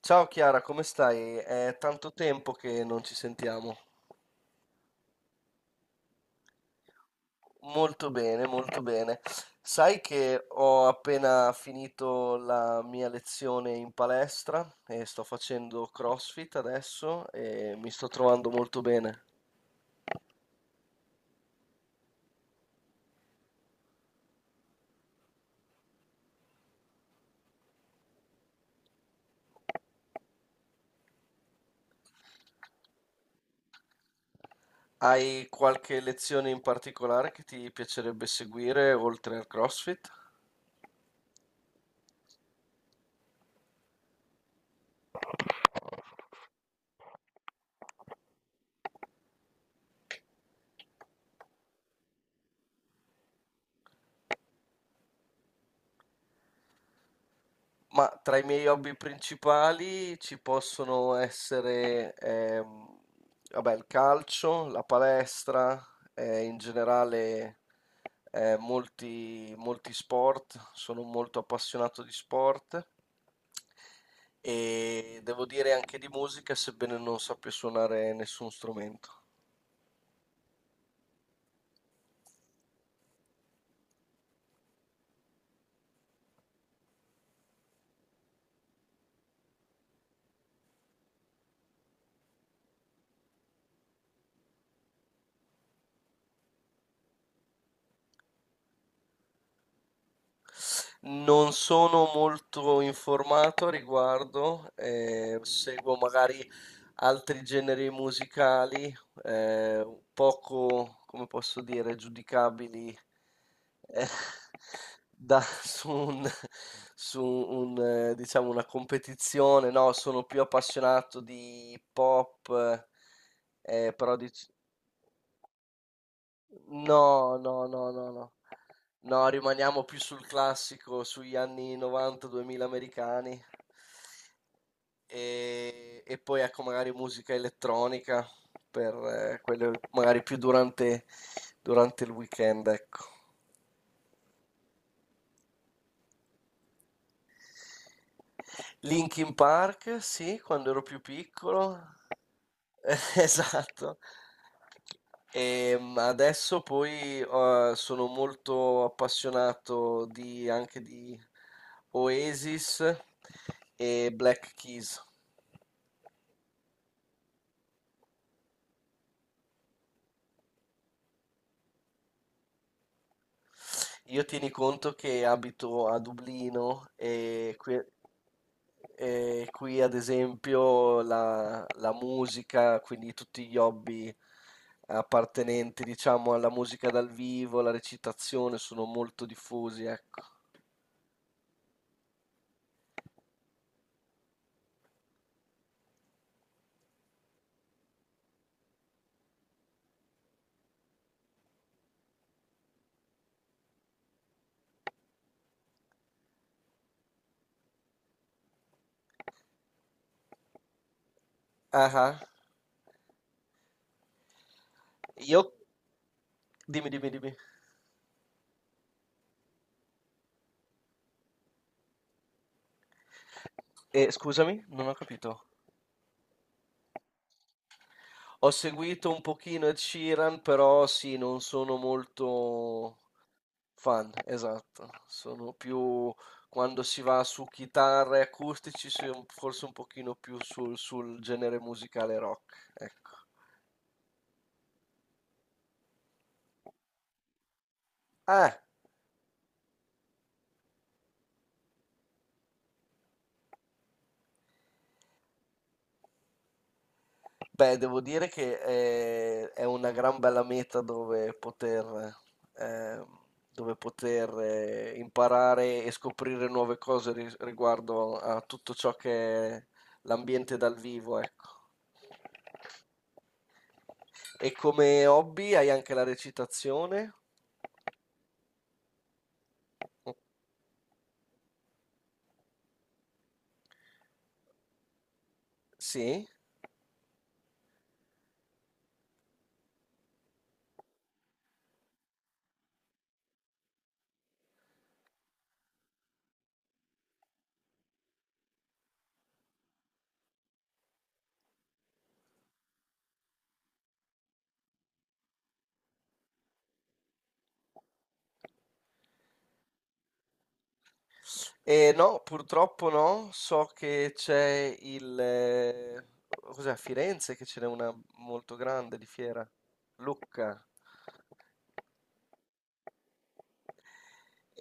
Ciao Chiara, come stai? È tanto tempo che non ci sentiamo. Molto bene, molto bene. Sai che ho appena finito la mia lezione in palestra e sto facendo CrossFit adesso e mi sto trovando molto bene. Hai qualche lezione in particolare che ti piacerebbe seguire oltre al CrossFit? Ma tra i miei hobby principali ci possono essere, vabbè, il calcio, la palestra, in generale molti sport, sono molto appassionato di sport e devo dire anche di musica, sebbene non sappia suonare nessun strumento. Non sono molto informato a riguardo, seguo magari altri generi musicali, eh, poco, come posso dire, giudicabili eh, da- su un, diciamo, una competizione. No, sono più appassionato di pop, però di... No, no, no, no, no. No, rimaniamo più sul classico, sugli anni 90-2000 americani e poi ecco magari musica elettronica per quelle magari più durante, durante il weekend, ecco. Linkin Park, sì, quando ero più piccolo. Esatto. E adesso poi sono molto appassionato anche di Oasis e Black Keys. Io tieni conto che abito a Dublino e que- E qui ad esempio la musica, quindi tutti gli hobby appartenenti, diciamo, alla musica dal vivo, la recitazione, sono molto diffusi, ecco. Ah, ah. Io... Dimmi. Scusami, non ho capito. Ho seguito un pochino Ed Sheeran, però sì, non sono molto Fan, esatto. Sono più quando si va su chitarre e acustici, si è forse un pochino più sul genere musicale rock, ecco. Ah, beh, devo dire che è, una gran bella meta eh, dove poter imparare e scoprire nuove cose riguardo a tutto ciò che è l'ambiente dal vivo, ecco. E come hobby hai anche la recitazione? Sì. No, purtroppo no. So che c'è il... cos'è, a Firenze che ce n'è una molto grande di fiera, Lucca.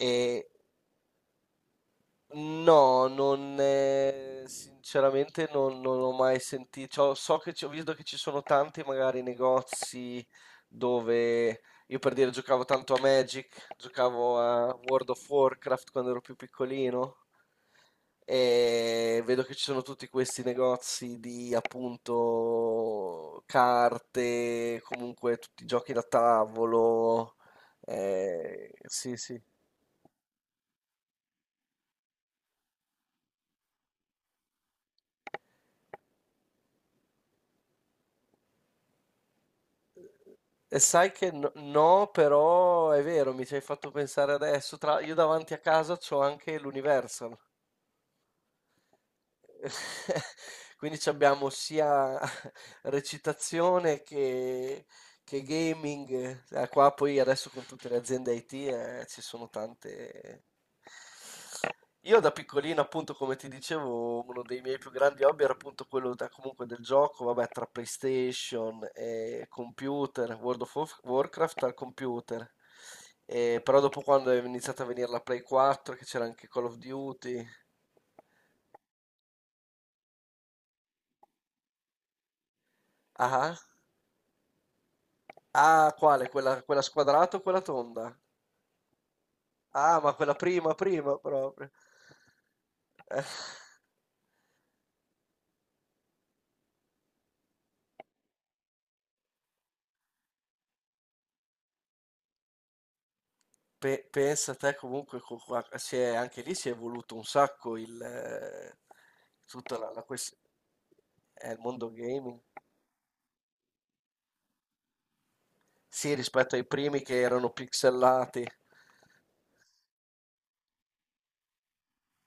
E no, non, sinceramente non, non ho mai sentito, so che ho visto che ci sono tanti magari negozi dove io per dire giocavo tanto a Magic, giocavo a World of Warcraft quando ero più piccolino e vedo che ci sono tutti questi negozi di appunto carte, comunque tutti i giochi da tavolo, sì sì. E sai che no, no, però è vero, mi ci hai fatto pensare adesso. Tra, io davanti a casa c'ho anche l'Universal. Quindi c'abbiamo sia recitazione che gaming. Qua poi adesso con tutte le aziende IT, ci sono tante... Io da piccolino, appunto, come ti dicevo, uno dei miei più grandi hobby era appunto quello comunque del gioco, vabbè, tra PlayStation e computer, Warcraft al computer. Però dopo quando è iniziata a venire la Play 4, che c'era anche Call of Duty. Ah, ah. Ah, quale? Quella squadrata o quella tonda? Ah, ma quella prima, prima proprio. Eh, pensa te comunque, anche lì si è evoluto un sacco il, tutta la questione. È il mondo gaming? Sì, rispetto ai primi che erano pixelati.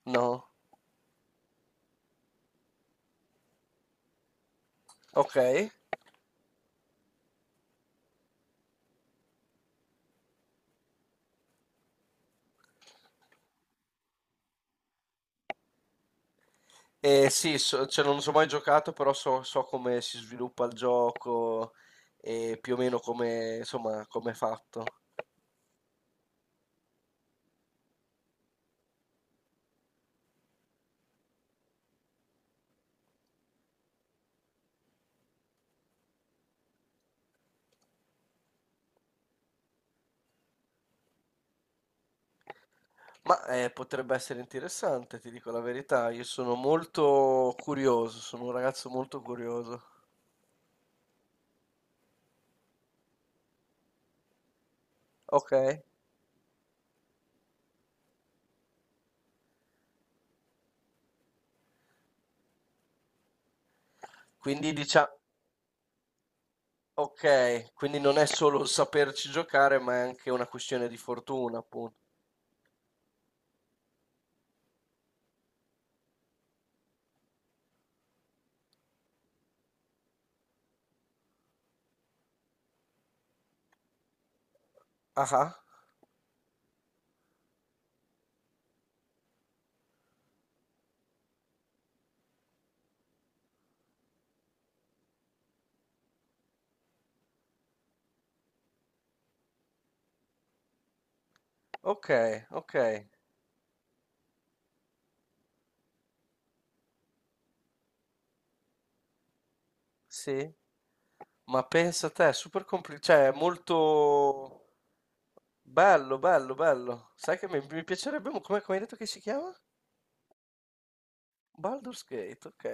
No? Ok. Sì, cioè, non so mai giocato, però so, so come si sviluppa il gioco e più o meno come, insomma, come è fatto. Ma potrebbe essere interessante, ti dico la verità. Io sono molto curioso, sono un ragazzo molto curioso. Ok? Quindi diciamo, ok, quindi non è solo saperci giocare, ma è anche una questione di fortuna, appunto. Ah, ah. Ok, ok, sì. Ma pensa te, è super complicato, cioè è molto bello, bello, bello. Sai che mi piacerebbe, mo- come, come hai detto che si chiama? Baldur's Gate, ok.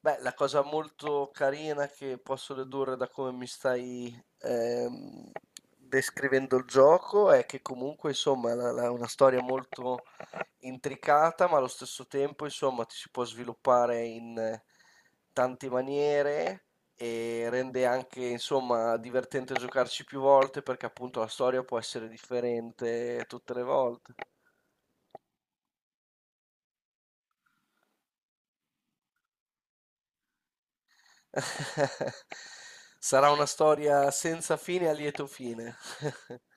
Beh, la cosa molto carina che posso dedurre da come mi stai descrivendo il gioco è che comunque, insomma, è una storia molto intricata, ma allo stesso tempo, insomma, ti si può sviluppare in tante maniere e rende anche, insomma, divertente giocarci più volte perché appunto la storia può essere differente tutte le volte. Sarà una storia senza fine a lieto fine.